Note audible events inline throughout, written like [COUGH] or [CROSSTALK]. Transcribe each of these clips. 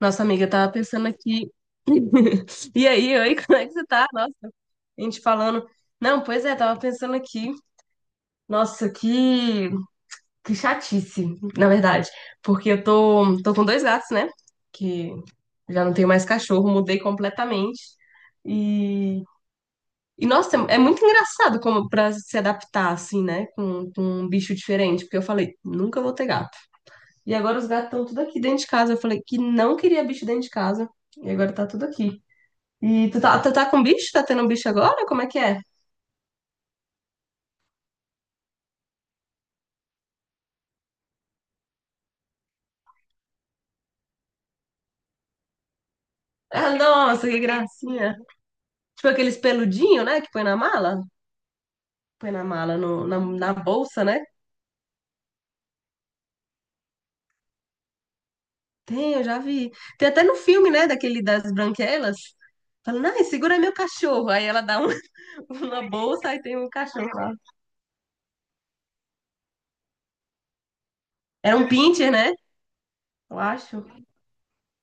Nossa amiga, eu tava pensando aqui. [LAUGHS] E aí, oi, como é que você tá? Nossa, a gente falando. Não, pois é, tava pensando aqui. Nossa, que chatice, na verdade. Porque eu tô com dois gatos, né? Que já não tenho mais cachorro, mudei completamente. E, e nossa, é muito engraçado como pra se adaptar, assim, né? Com um bicho diferente. Porque eu falei, nunca vou ter gato. E agora os gatos estão tudo aqui dentro de casa. Eu falei que não queria bicho dentro de casa. E agora tá tudo aqui. E tu tá com bicho? Tá tendo um bicho agora? Como é que é? Ah, nossa, que gracinha. Tipo aqueles peludinhos, né? Que põe na mala? Põe na mala, no, na, na bolsa, né? Tem, eu já vi. Tem até no filme, né? Daquele das branquelas. Falando, ai, segura meu cachorro. Aí ela dá [LAUGHS] uma bolsa, aí tem um cachorro lá. Era um pincher, né? Eu acho.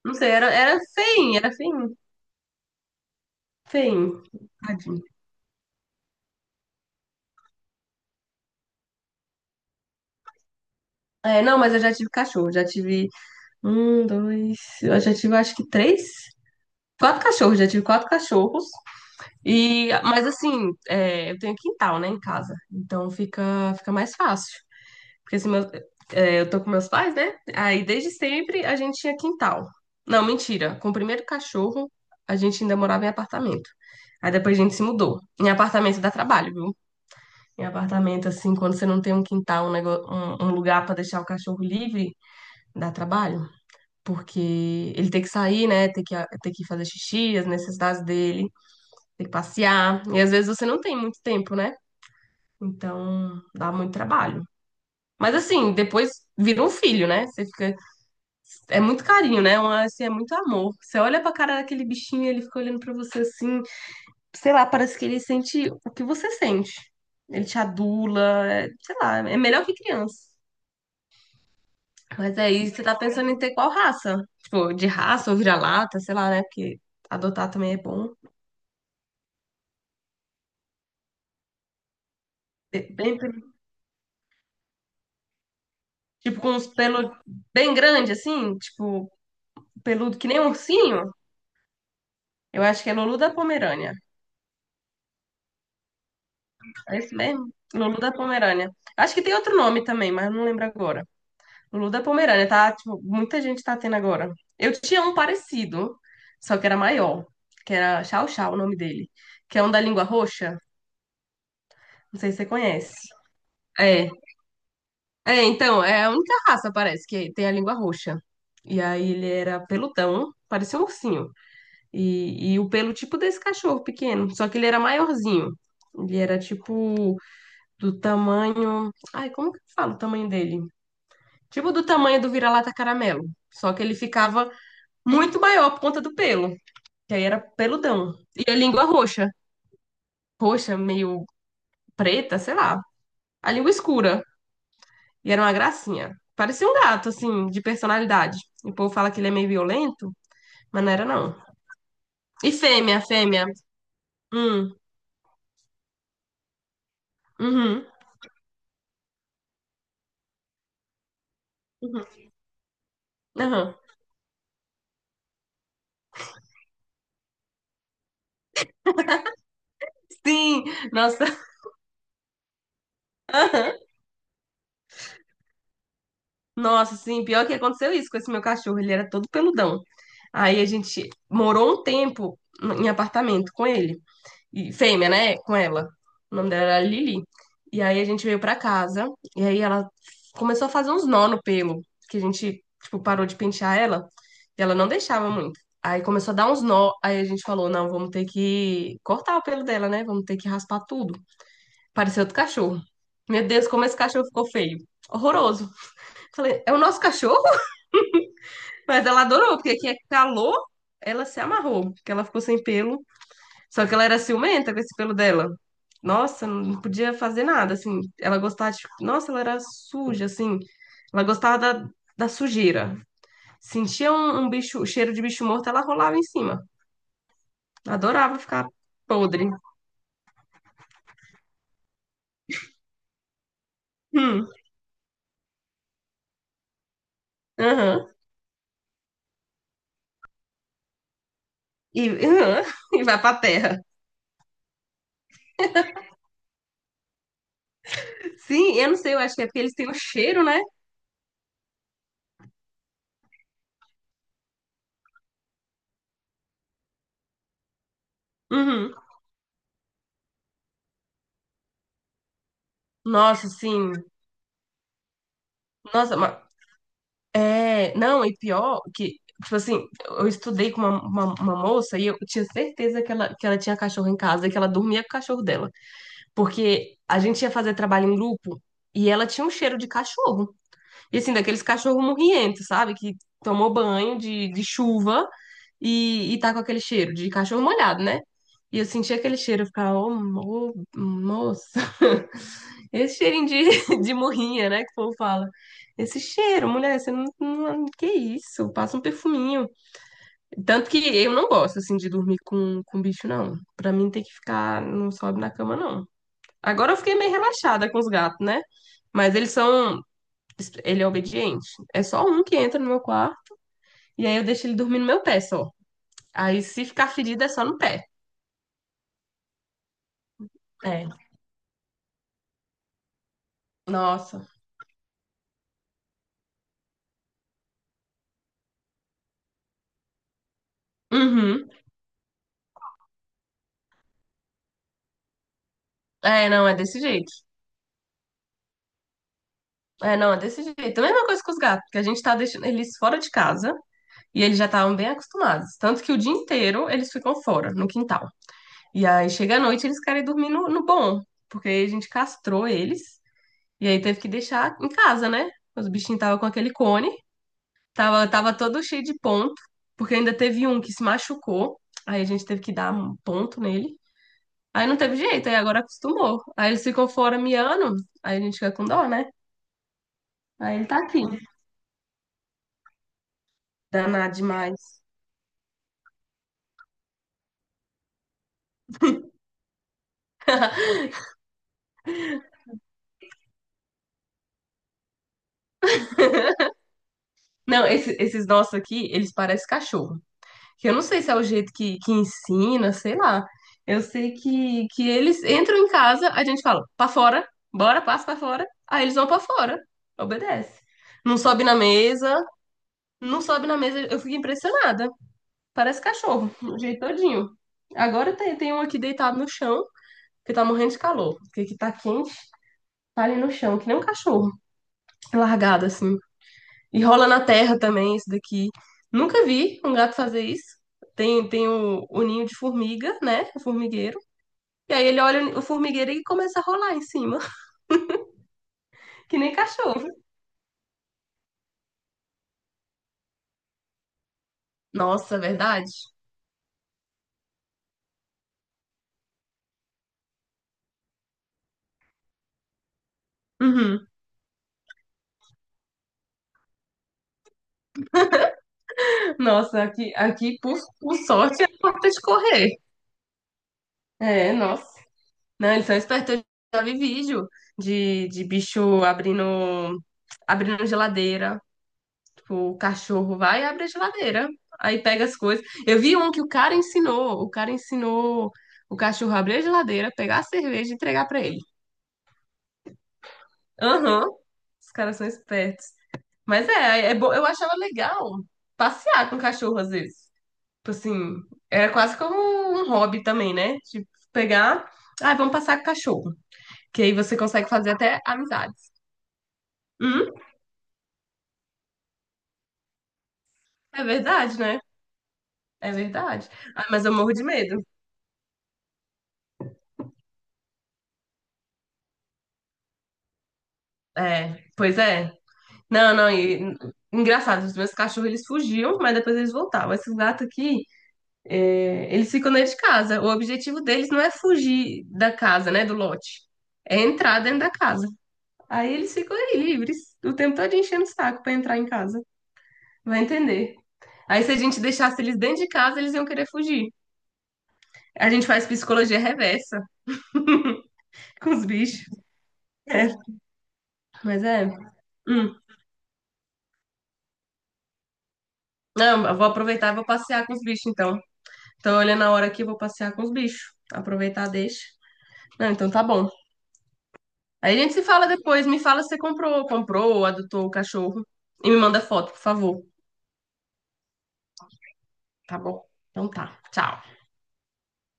Não sei, era feinho, era feinho. Feinho. Tadinho. É, não, mas eu já tive cachorro. Já tive um, dois. Eu já tive, acho que três. Quatro cachorros, já tive quatro cachorros. Mas assim, é, eu tenho quintal, né, em casa. Então fica mais fácil. Porque assim, é, eu tô com meus pais, né? Aí desde sempre a gente tinha quintal. Não, mentira. Com o primeiro cachorro, a gente ainda morava em apartamento. Aí depois a gente se mudou. Em apartamento dá trabalho, viu? Em apartamento, assim, quando você não tem um quintal, um lugar pra deixar o cachorro livre, dá trabalho. Porque ele tem que sair, né? Tem que fazer xixi, as necessidades dele. Tem que passear. E às vezes você não tem muito tempo, né? Então dá muito trabalho. Mas assim, depois vira um filho, né? Você fica. É muito carinho, né? Uma, assim, é muito amor. Você olha pra cara daquele bichinho, e ele fica olhando pra você assim. Sei lá, parece que ele sente o que você sente. Ele te adula, sei lá, é melhor que criança. Mas aí você tá pensando em ter qual raça? Tipo, de raça ou vira-lata, sei lá, né? Porque adotar também é bom. Bem, bem- tipo, com uns pelos bem grande assim, tipo. Peludo que nem ursinho. Eu acho que é Lulu da Pomerânia. É esse mesmo? Lulu da Pomerânia. Acho que tem outro nome também, mas não lembro agora. Lulu da Pomerânia, tá? Tipo, muita gente tá tendo agora. Eu tinha um parecido, só que era maior, que era Chau Chau o nome dele, que é um da língua roxa. Não sei se você conhece. É, é, então, é a única raça, parece, que tem a língua roxa. E aí ele era peludão, parecia um ursinho. E o pelo tipo desse cachorro pequeno, só que ele era maiorzinho. Ele era tipo do tamanho. Ai, como que eu falo o tamanho dele? Tipo do tamanho do vira-lata caramelo. Só que ele ficava muito maior por conta do pelo, que aí era peludão. E a língua roxa, roxa, meio preta, sei lá. A língua escura. E era uma gracinha. Parecia um gato, assim, de personalidade. E o povo fala que ele é meio violento, mas não era, não. E fêmea, fêmea. Hum, uhum, uhum, aham. Sim, nossa, [LAUGHS] nossa, sim, pior que aconteceu isso com esse meu cachorro, ele era todo peludão. Aí a gente morou um tempo em apartamento com ele, e fêmea, né, com ela. O nome dela era Lili. E aí a gente veio pra casa, e aí ela começou a fazer uns nó no pelo, que a gente, tipo, parou de pentear ela, e ela não deixava muito. Aí começou a dar uns nó, aí a gente falou, não, vamos ter que cortar o pelo dela, né? Vamos ter que raspar tudo. Pareceu outro cachorro. Meu Deus, como esse cachorro ficou feio. Horroroso. Falei, é o nosso cachorro? [LAUGHS] Mas ela adorou, porque aqui é calor, ela se amarrou, porque ela ficou sem pelo. Só que ela era ciumenta com esse pelo dela. Nossa, não podia fazer nada, assim. Ela gostava de... Nossa, ela era suja, assim. Ela gostava da sujeira. Sentia um bicho, cheiro de bicho morto, ela rolava em cima. Adorava ficar podre. Hum, aham. E, aham, [LAUGHS] e vai pra terra. Sim, eu não sei, eu acho que é porque eles têm o cheiro, né? Uhum. Nossa, sim. Nossa, é, não, e pior que, tipo assim, eu estudei com uma moça e eu tinha certeza que ela tinha cachorro em casa e que ela dormia com o cachorro dela. Porque a gente ia fazer trabalho em grupo e ela tinha um cheiro de cachorro. E assim, daqueles cachorros morrientos, sabe? Que tomou banho de chuva e tá com aquele cheiro de cachorro molhado, né? E eu sentia aquele cheiro, eu ficava, ô, moça. [LAUGHS] Esse cheirinho de, [LAUGHS] de morrinha, né, que o povo fala. Esse cheiro, mulher, você não. Que isso? Passa um perfuminho. Tanto que eu não gosto, assim, de dormir com bicho, não. Pra mim tem que ficar... Não sobe na cama, não. Agora eu fiquei meio relaxada com os gatos, né? Mas eles são... Ele é obediente. É só um que entra no meu quarto e aí eu deixo ele dormir no meu pé só. Aí se ficar ferido é só no pé. É. Nossa. Uhum. É, não, é desse jeito. É, não, é desse jeito. A mesma coisa com os gatos, que a gente tá deixando eles fora de casa e eles já estavam bem acostumados. Tanto que o dia inteiro eles ficam fora, no quintal. E aí chega à noite eles querem dormir no bom, porque a gente castrou eles e aí teve que deixar em casa, né? Os bichinhos estavam com aquele cone, tava todo cheio de ponto, porque ainda teve um que se machucou, aí a gente teve que dar um ponto nele. Aí não teve jeito, aí agora acostumou. Aí eles ficam fora miando, aí a gente fica com dó, né? Aí ele tá aqui. Danado demais. [LAUGHS] Não, esses nossos aqui, eles parecem cachorro. Que eu não sei se é o jeito que ensina, sei lá. Eu sei que eles entram em casa, a gente fala, pra fora, bora, passa pra fora. Aí eles vão pra fora, obedece. Não sobe na mesa, não sobe na mesa. Eu fico impressionada. Parece cachorro, o jeito todinho. Agora tem um aqui deitado no chão, que tá morrendo de calor. Porque aqui tá quente, tá ali no chão, que nem um cachorro, largado assim. E rola na terra também isso daqui. Nunca vi um gato fazer isso. Tem o ninho de formiga, né? O formigueiro. E aí ele olha o formigueiro e começa a rolar em cima, [LAUGHS] que nem cachorro. Nossa, é verdade? Uhum. Nossa, aqui por sorte, é porta de correr. É, nossa. Não, eles são espertos. Eu já vi vídeo de bicho abrindo, abrindo geladeira. O cachorro vai e abre a geladeira. Aí pega as coisas. Eu vi um que o cara ensinou. O cara ensinou o cachorro a abrir a geladeira, pegar a cerveja e entregar pra ele. Aham. Os caras são espertos. Mas é bom. Eu achava legal passear com o cachorro às vezes. Tipo assim, era quase como um hobby também, né? Tipo, pegar. Ah, vamos passar com o cachorro. Que aí você consegue fazer até amizades. Hum, é verdade, né? É verdade. Ah, mas eu morro de medo. É, pois é. Não, não, e engraçado, os meus cachorros eles fugiam, mas depois eles voltavam. Esses gatos aqui, é, eles ficam dentro de casa. O objetivo deles não é fugir da casa, né, do lote, é entrar dentro da casa. Aí eles ficam aí livres, o tempo todo enchendo o saco pra entrar em casa. Vai entender. Aí se a gente deixasse eles dentro de casa, eles iam querer fugir. A gente faz psicologia reversa com os bichos. É, mas é. Hum. Não, eu vou aproveitar e vou passear com os bichos então. Tô olhando a hora que eu vou passear com os bichos. Aproveitar, deixa. Não, então tá bom. Aí a gente se fala depois. Me fala se você comprou, ou adotou o cachorro. E me manda foto, por favor. Tá bom? Então tá. Tchau.